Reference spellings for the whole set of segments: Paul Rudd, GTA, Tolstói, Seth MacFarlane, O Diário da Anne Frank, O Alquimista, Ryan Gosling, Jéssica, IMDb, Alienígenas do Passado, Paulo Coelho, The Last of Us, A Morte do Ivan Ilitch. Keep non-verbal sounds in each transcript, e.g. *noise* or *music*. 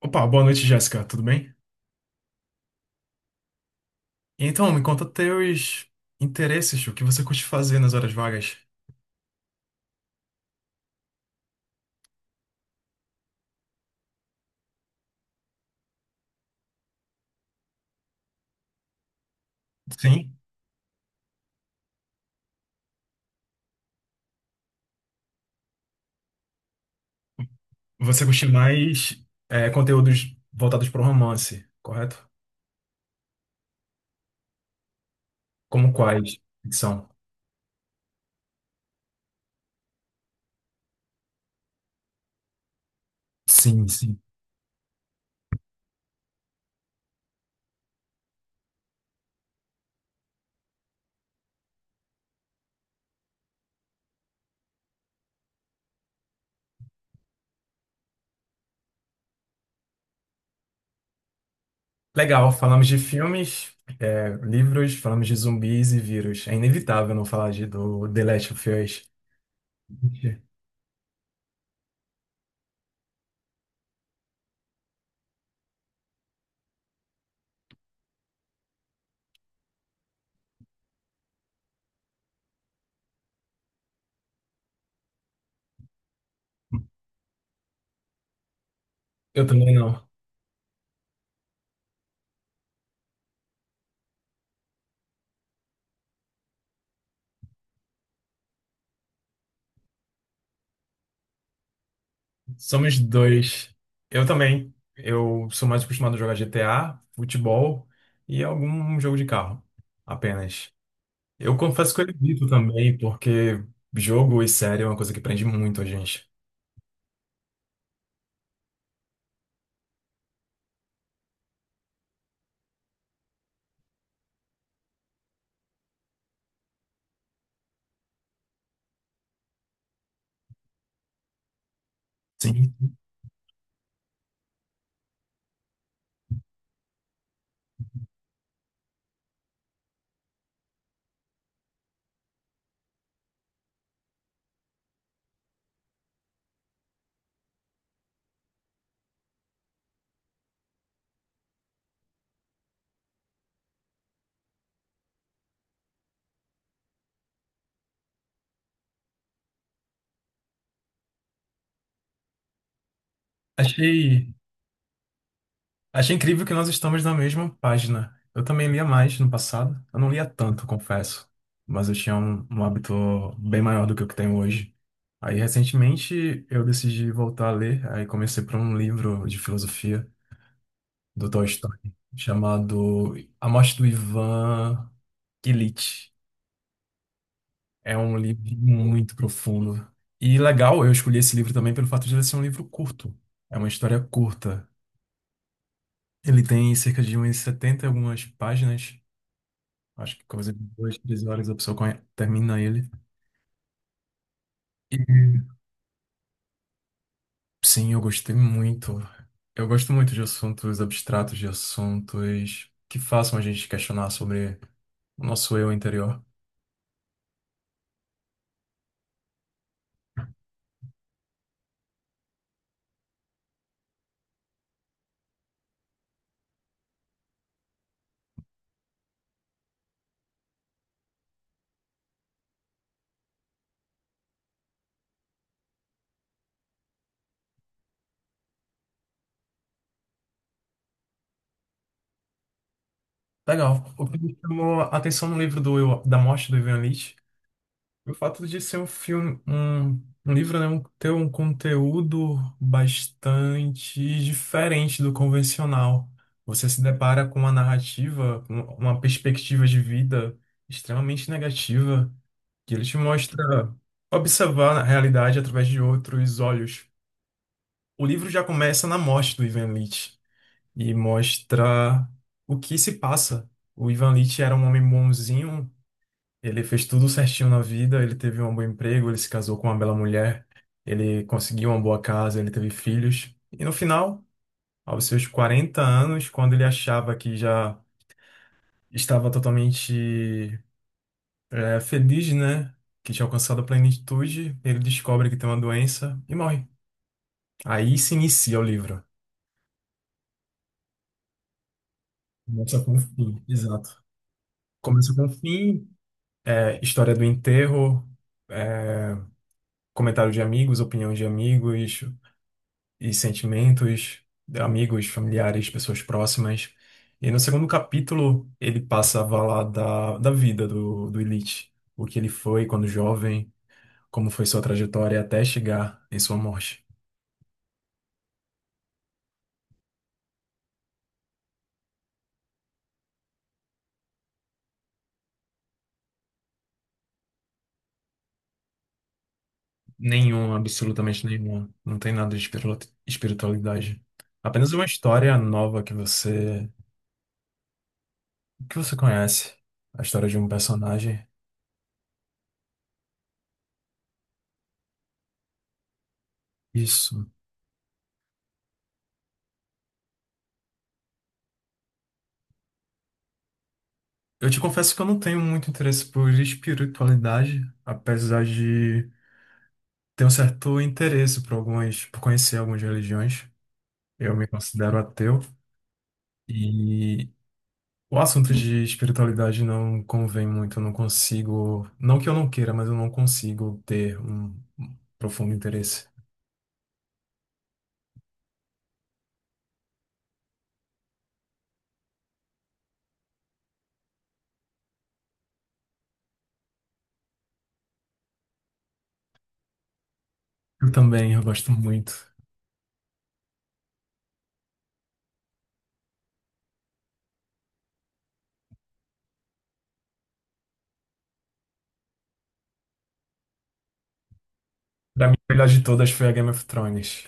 Opa, boa noite, Jéssica. Tudo bem? Então, me conta teus interesses, o que você curte fazer nas horas vagas? Sim, você curte mais é, conteúdos voltados para o romance, correto? Como quais? Ficção. Sim, sim. Legal, falamos de filmes, é, livros, falamos de zumbis e vírus. É inevitável não falar do The Last of Us. Eu também não. Somos dois. Eu também. Eu sou mais acostumado a jogar GTA, futebol e algum jogo de carro, apenas. Eu confesso que eu evito também, porque jogo e série é uma coisa que prende muito a gente. Sim. Achei, Achei incrível que nós estamos na mesma página. Eu também lia mais no passado. Eu não lia tanto, confesso. Mas eu tinha um hábito bem maior do que o que tenho hoje. Aí, recentemente, eu decidi voltar a ler. Aí comecei por um livro de filosofia do Tolstói, chamado A Morte do Ivan Ilitch. É um livro muito profundo. E legal, eu escolhi esse livro também pelo fato de ele ser um livro curto. É uma história curta. Ele tem cerca de umas 70 e algumas páginas. Acho que coisa de 2, 3 horas a pessoa termina ele. E sim, eu gostei muito. Eu gosto muito de assuntos abstratos, de assuntos que façam a gente questionar sobre o nosso eu interior. Legal. O que me chamou a atenção no livro da morte do Ivan Lit. O fato de ser um filme, um livro, né, ter um conteúdo bastante diferente do convencional. Você se depara com uma narrativa, com uma perspectiva de vida extremamente negativa, que ele te mostra observar a realidade através de outros olhos. O livro já começa na morte do Ivan Lit e mostra o que se passa. O Ivan Lit era um homem bonzinho, ele fez tudo certinho na vida, ele teve um bom emprego, ele se casou com uma bela mulher, ele conseguiu uma boa casa, ele teve filhos. E no final, aos seus 40 anos, quando ele achava que já estava totalmente feliz, né? Que tinha alcançado a plenitude, ele descobre que tem uma doença e morre. Aí se inicia o livro. Começa com o fim, exato. Começa com o fim, história do enterro, é, comentário de amigos, opinião de amigos, e sentimentos, amigos, familiares, pessoas próximas. E no segundo capítulo, ele passa a falar da vida do Elite, o que ele foi quando jovem, como foi sua trajetória até chegar em sua morte. Nenhuma, absolutamente nenhuma. Não tem nada de espiritualidade. Apenas uma história nova que você conhece, a história de um personagem. Isso. Eu te confesso que eu não tenho muito interesse por espiritualidade, apesar de. Tenho um certo interesse por conhecer algumas religiões. Eu me considero ateu e o assunto de espiritualidade não convém muito. Eu não consigo, não que eu não queira, mas eu não consigo ter um profundo interesse. Eu também, eu gosto muito. Pra mim, a melhor de todas foi a Game of Thrones.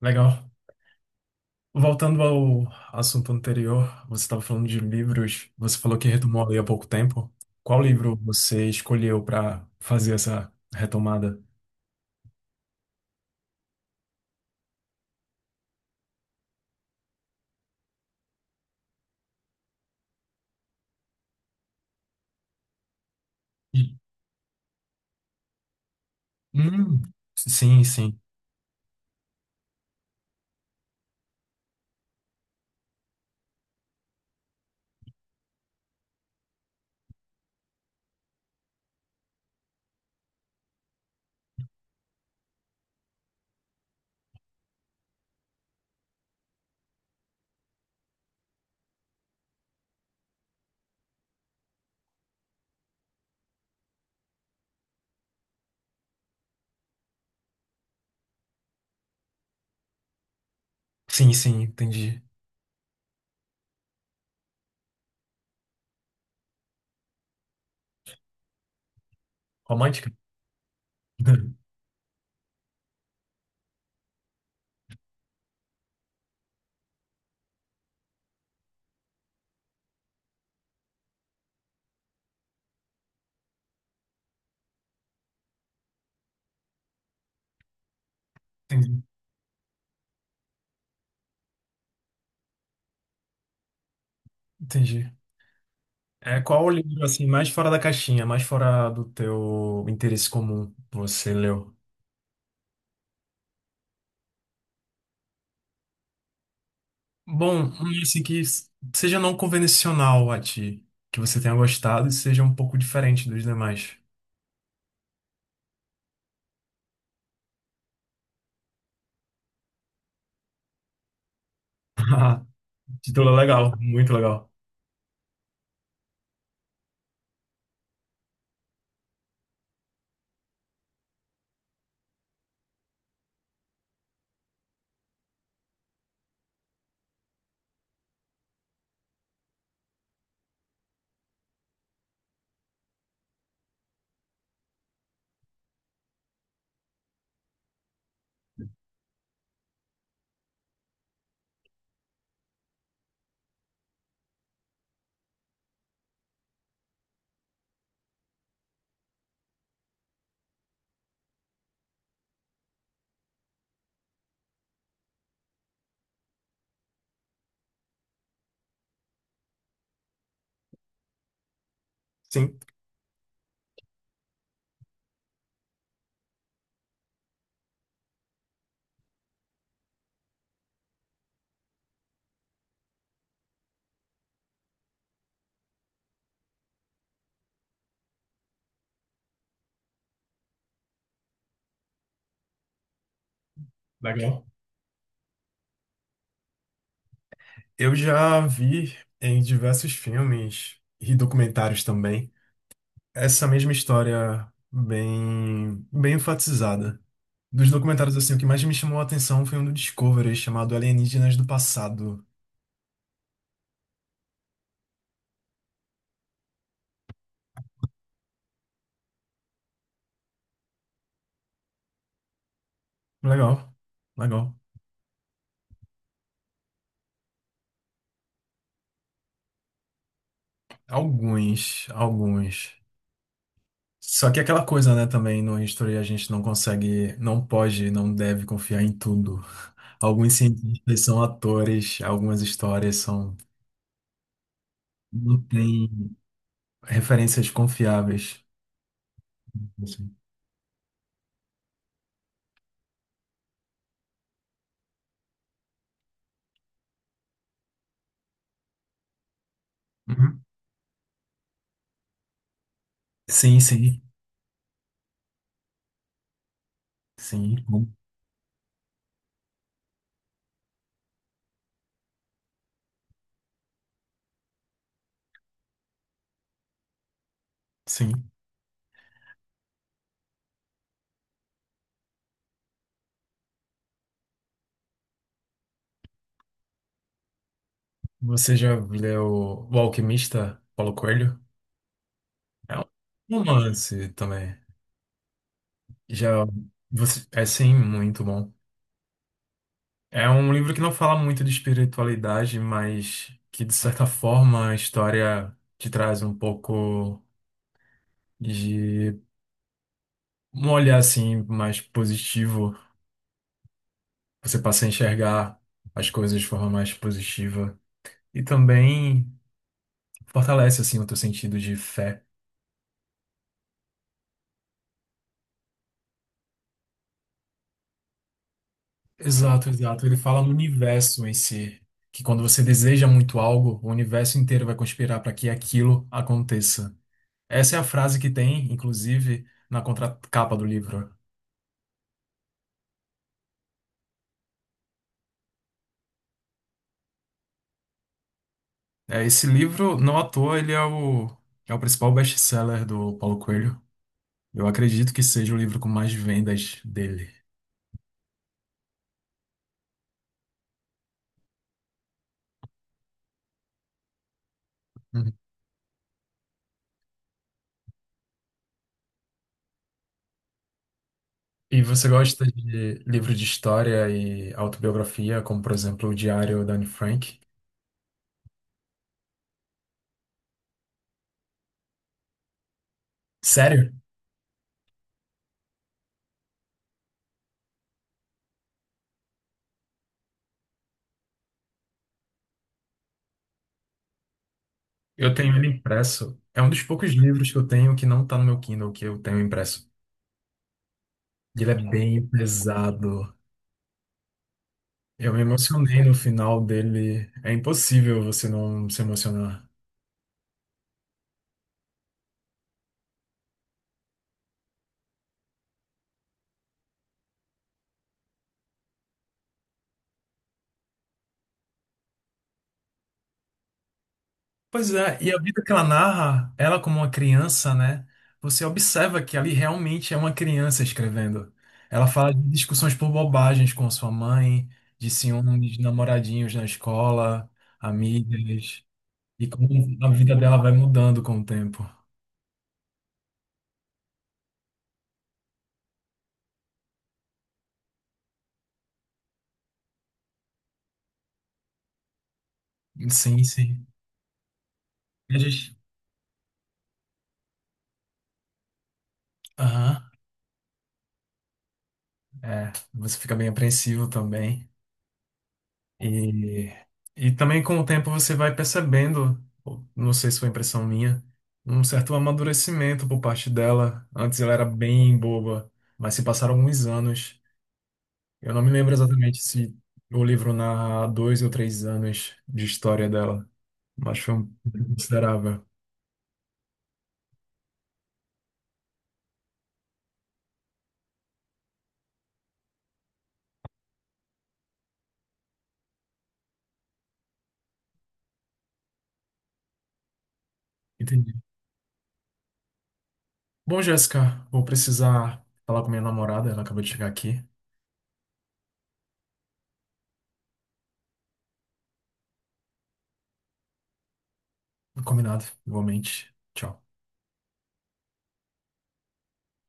Legal. Voltando ao assunto anterior, você estava falando de livros. Você falou que retomou a ler há pouco tempo. Qual livro você escolheu para fazer essa retomada? Hum, sim, sim. Sim, sim, entendi. Romântica? *laughs* Entendi, entendi. Qual o livro, assim, mais fora da caixinha, mais fora do teu interesse comum você leu? Bom, um, assim, que seja não convencional a ti, que você tenha gostado e seja um pouco diferente dos demais. *laughs* Título legal, muito legal. Sim, legal. Eu já vi em diversos filmes e documentários também, essa mesma história bem, bem enfatizada. Dos documentários, assim, o que mais me chamou a atenção foi um do Discovery chamado Alienígenas do Passado. Legal, legal. Alguns, alguns. Só que aquela coisa, né, também no History a gente não consegue, não pode, não deve confiar em tudo. Alguns cientistas são atores, algumas histórias são, não tem referências confiáveis. Assim. Uhum. Sim, sim, sim, bom, sim. Você já leu O Alquimista, Paulo Coelho? É um romance também. Já você, é sim, muito bom. É um livro que não fala muito de espiritualidade, mas que de certa forma a história te traz um pouco de um olhar assim mais positivo. Você passa a enxergar as coisas de forma mais positiva e também fortalece assim o teu sentido de fé. Exato, exato. Ele fala no universo em si, que quando você deseja muito algo, o universo inteiro vai conspirar para que aquilo aconteça. Essa é a frase que tem, inclusive, na contracapa do livro. É, esse livro, não à toa, ele é o, é o principal best-seller do Paulo Coelho. Eu acredito que seja o livro com mais vendas dele. Uhum. E você gosta de livro de história e autobiografia, como, por exemplo, O Diário da Anne Frank? Sério? Eu tenho ele impresso. É um dos poucos livros que eu tenho que não tá no meu Kindle, que eu tenho impresso. Ele é bem pesado. Eu me emocionei no final dele. É impossível você não se emocionar. Pois é, e a vida que ela narra, ela como uma criança, né? Você observa que ali realmente é uma criança escrevendo. Ela fala de discussões por bobagens com sua mãe, de ciúmes, de namoradinhos na escola, amigas, e como a vida dela vai mudando com o tempo. Sim, sim. E a gente. Aham, é, você fica bem apreensivo também. E, e também com o tempo você vai percebendo, ou não sei se foi impressão minha, um certo amadurecimento por parte dela. Antes ela era bem boba, mas se passaram alguns anos. Eu não me lembro exatamente se o livro narra 2 ou 3 anos de história dela, mas foi um tempo considerável. Entendi. Bom, Jéssica, vou precisar falar com minha namorada, ela acabou de chegar aqui. Combinado, igualmente. Tchau.